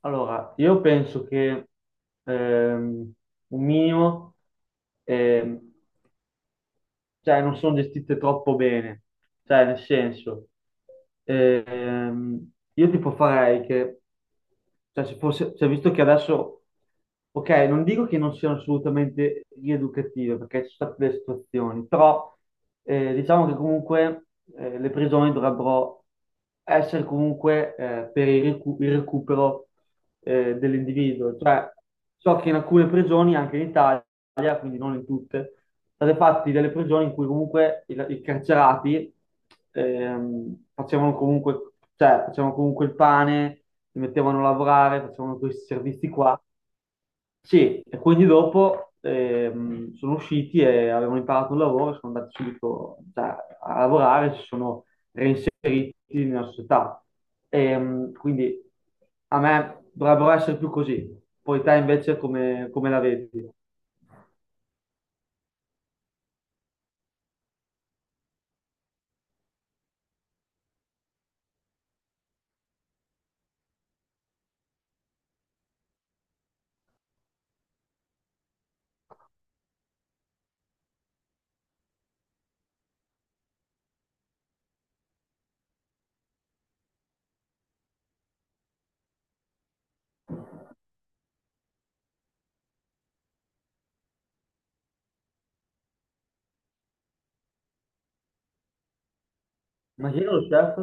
Allora, io penso che ehm, un minimo ehm, cioè non sono gestite troppo bene, cioè nel senso, io tipo farei che, cioè se fosse, cioè, visto che adesso, ok, non dico che non siano assolutamente rieducative, perché ci sono state delle situazioni, però diciamo che comunque le prigioni dovrebbero essere comunque per il recupero dell'individuo, cioè so che in alcune prigioni, anche in Italia, quindi non in tutte, state fatti delle prigioni in cui comunque i carcerati facevano comunque, cioè, facevano comunque il pane, li mettevano a lavorare, facevano questi servizi qua. Sì, e quindi dopo sono usciti e avevano imparato un lavoro, sono andati subito cioè, a lavorare, si sono reinseriti nella società. Quindi a me dovrebbero essere più così. Poi te invece come la vedi? Ma chi era lo chef?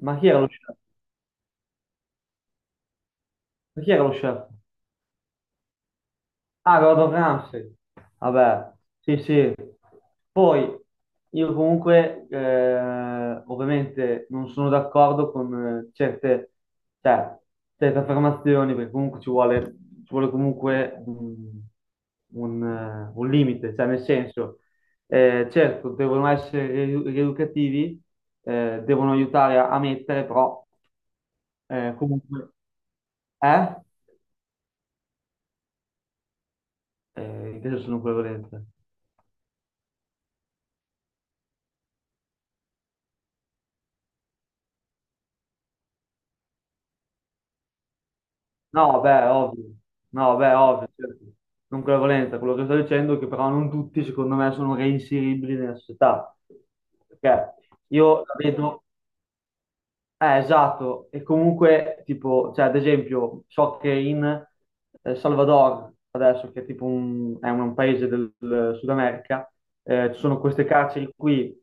Ma chi era lo chef? Ma chi era lo chef? Ah, Gordon Ramsay. Vabbè, sì, sì. Poi io comunque, ovviamente, non sono d'accordo con certe, cioè, certe affermazioni, perché comunque ci vuole comunque un limite, cioè nel senso, certo, devono essere rieducativi, devono aiutare a mettere, però comunque. Eh? Invece sono nucleo volente. No, beh, ovvio. No, bè, ovvio, certo. Nucleo volente. Quello che sto dicendo è che però non tutti, secondo me, sono reinseribili nella società. Perché io la vedo. Esatto, e comunque tipo, cioè ad esempio, so che in Salvador, adesso che è tipo è un paese del Sud America, ci sono queste carceri qui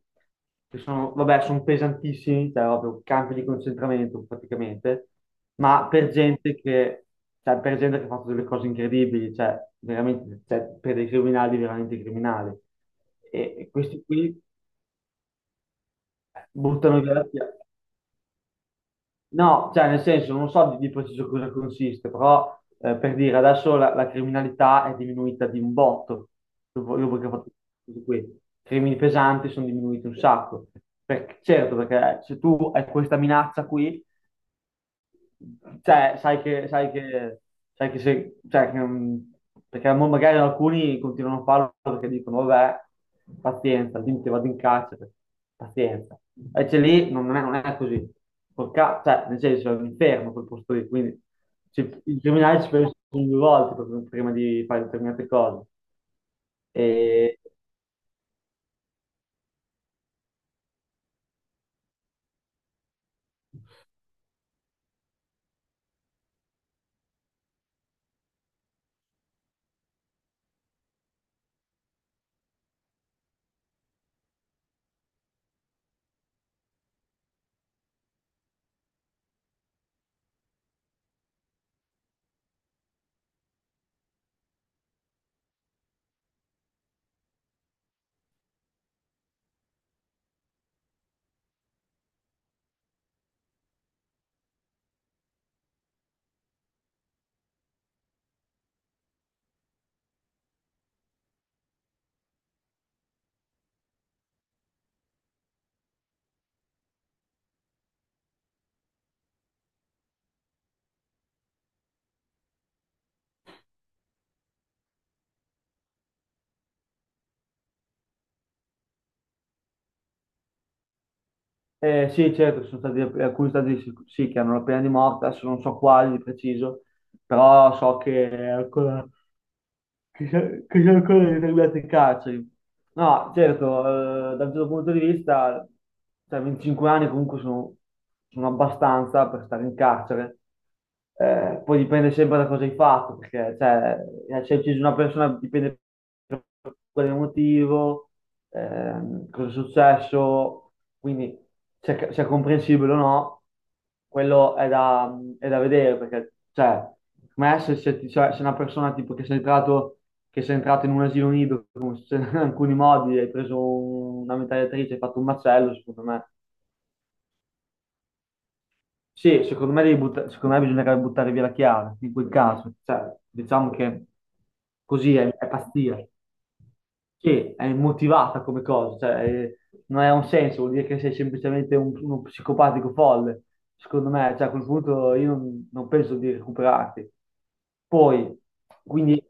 che sono, vabbè, sono pesantissimi, cioè proprio campi di concentramento praticamente, ma per gente che, cioè, per gente che ha fatto delle cose incredibili, cioè veramente, cioè, per dei criminali veramente criminali. E questi qui buttano via la via. No, cioè nel senso, non so di preciso cosa consiste, però per dire adesso la criminalità è diminuita di un botto, dopo che ho fatto tutto questo. I crimini pesanti sono diminuiti un sacco. Perché, certo, perché se tu hai questa minaccia qui, cioè, sai che se, cioè, che, perché mo magari alcuni continuano a farlo perché dicono, vabbè, pazienza, dimmi che vado in carcere, pazienza. Invece lì non è così. Cioè, nel senso, è un inferno quel posto lì, quindi i criminali ci pensano due volte prima di fare determinate cose. E, sì, certo, ci sono stati alcuni stati sì, sì, che hanno la pena di morte, adesso non so quali di preciso, però so che è ancora, che c'è ancora determinate carceri. No, certo, da un certo punto di vista, cioè 25 anni comunque sono abbastanza per stare in carcere. Poi dipende sempre da cosa hai fatto, perché cioè, se hai ucciso una persona dipende da quale motivo, cosa è successo, quindi se è comprensibile o no. Quello è è da vedere perché, cioè, secondo me se, se ti- cioè, se una persona tipo che sei entrato in un asilo nido alcuni modi, hai preso una mitragliatrice, hai fatto un macello, secondo me sì, secondo me, secondo me bisognerebbe buttare via la chiave, in quel caso. Cioè, diciamo che così è pazzia, che è motivata come cosa, cioè, non ha un senso, vuol dire che sei semplicemente uno psicopatico folle. Secondo me, cioè, a quel punto io non penso di recuperarti. Poi, quindi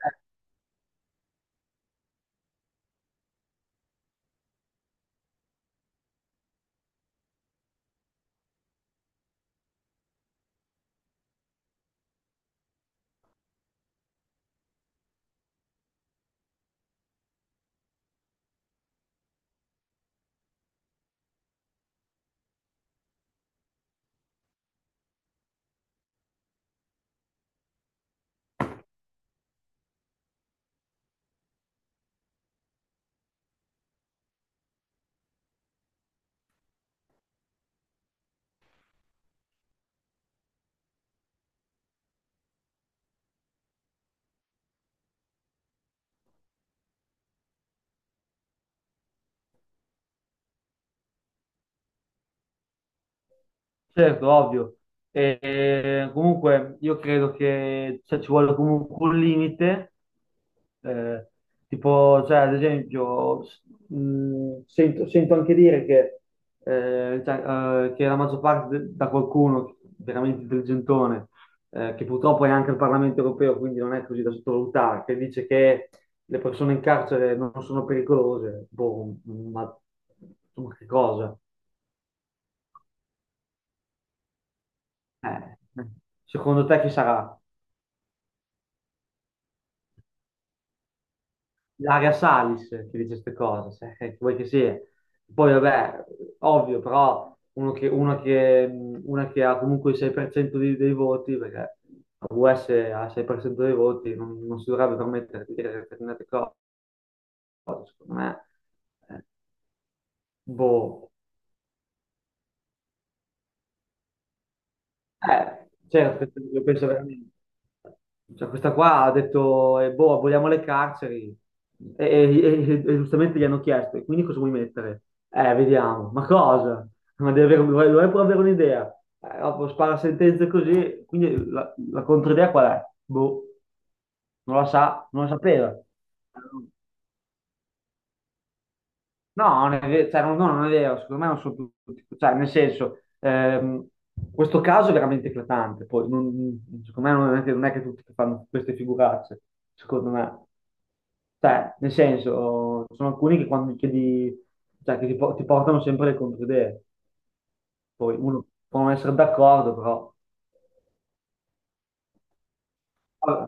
certo, ovvio. E, comunque io credo che cioè, ci vuole comunque un limite, eh, tipo, cioè, ad esempio, sento anche dire che, cioè, che la maggior parte da qualcuno veramente intelligentone, che purtroppo è anche il Parlamento europeo, quindi non è così da sottovalutare, che dice che le persone in carcere non sono pericolose, boh, ma che cosa? Eh, secondo te chi sarà? Ilaria Salis che dice queste cose, che vuoi che sia. Poi vabbè, ovvio, però uno che, una, che, una che ha comunque il 6% dei voti, perché la US ha il 6% dei voti, non si dovrebbe permettere di dire determinate cose, secondo me, eh, boh. Certo, io penso veramente. Cioè, questa qua ha detto, boh, aboliamo le carceri. E, giustamente gli hanno chiesto, e quindi cosa vuoi mettere? Vediamo. Ma cosa? Ma devi avere, vuoi pure avere un'idea? Dopo spara sentenze così, quindi la controidea qual è? Boh, non la sa, non la sapeva. No, non è ve- cioè, non è vero, secondo me non sono tutti, cioè, nel senso, questo caso è veramente eclatante, poi secondo me non è, che non è che tutti fanno queste figuracce, secondo me, cioè, nel senso, sono alcuni che quando chiedi, cioè, che ti portano sempre le controidee, poi uno può non essere d'accordo, però. Vabbè,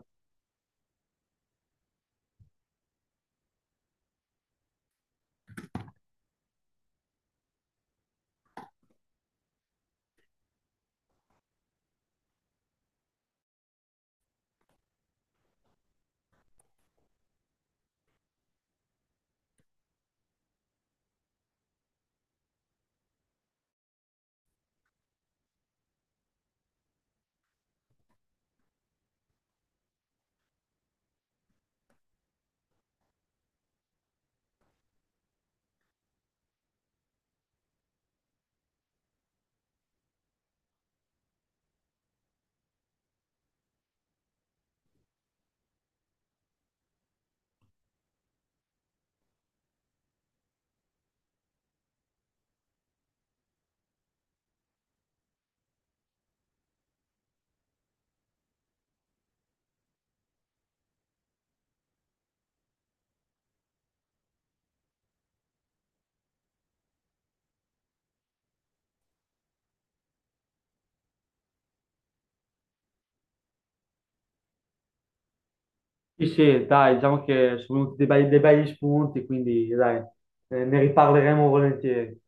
sì, sì, dai, diciamo che sono venuti dei begli spunti, quindi, dai, ne riparleremo volentieri.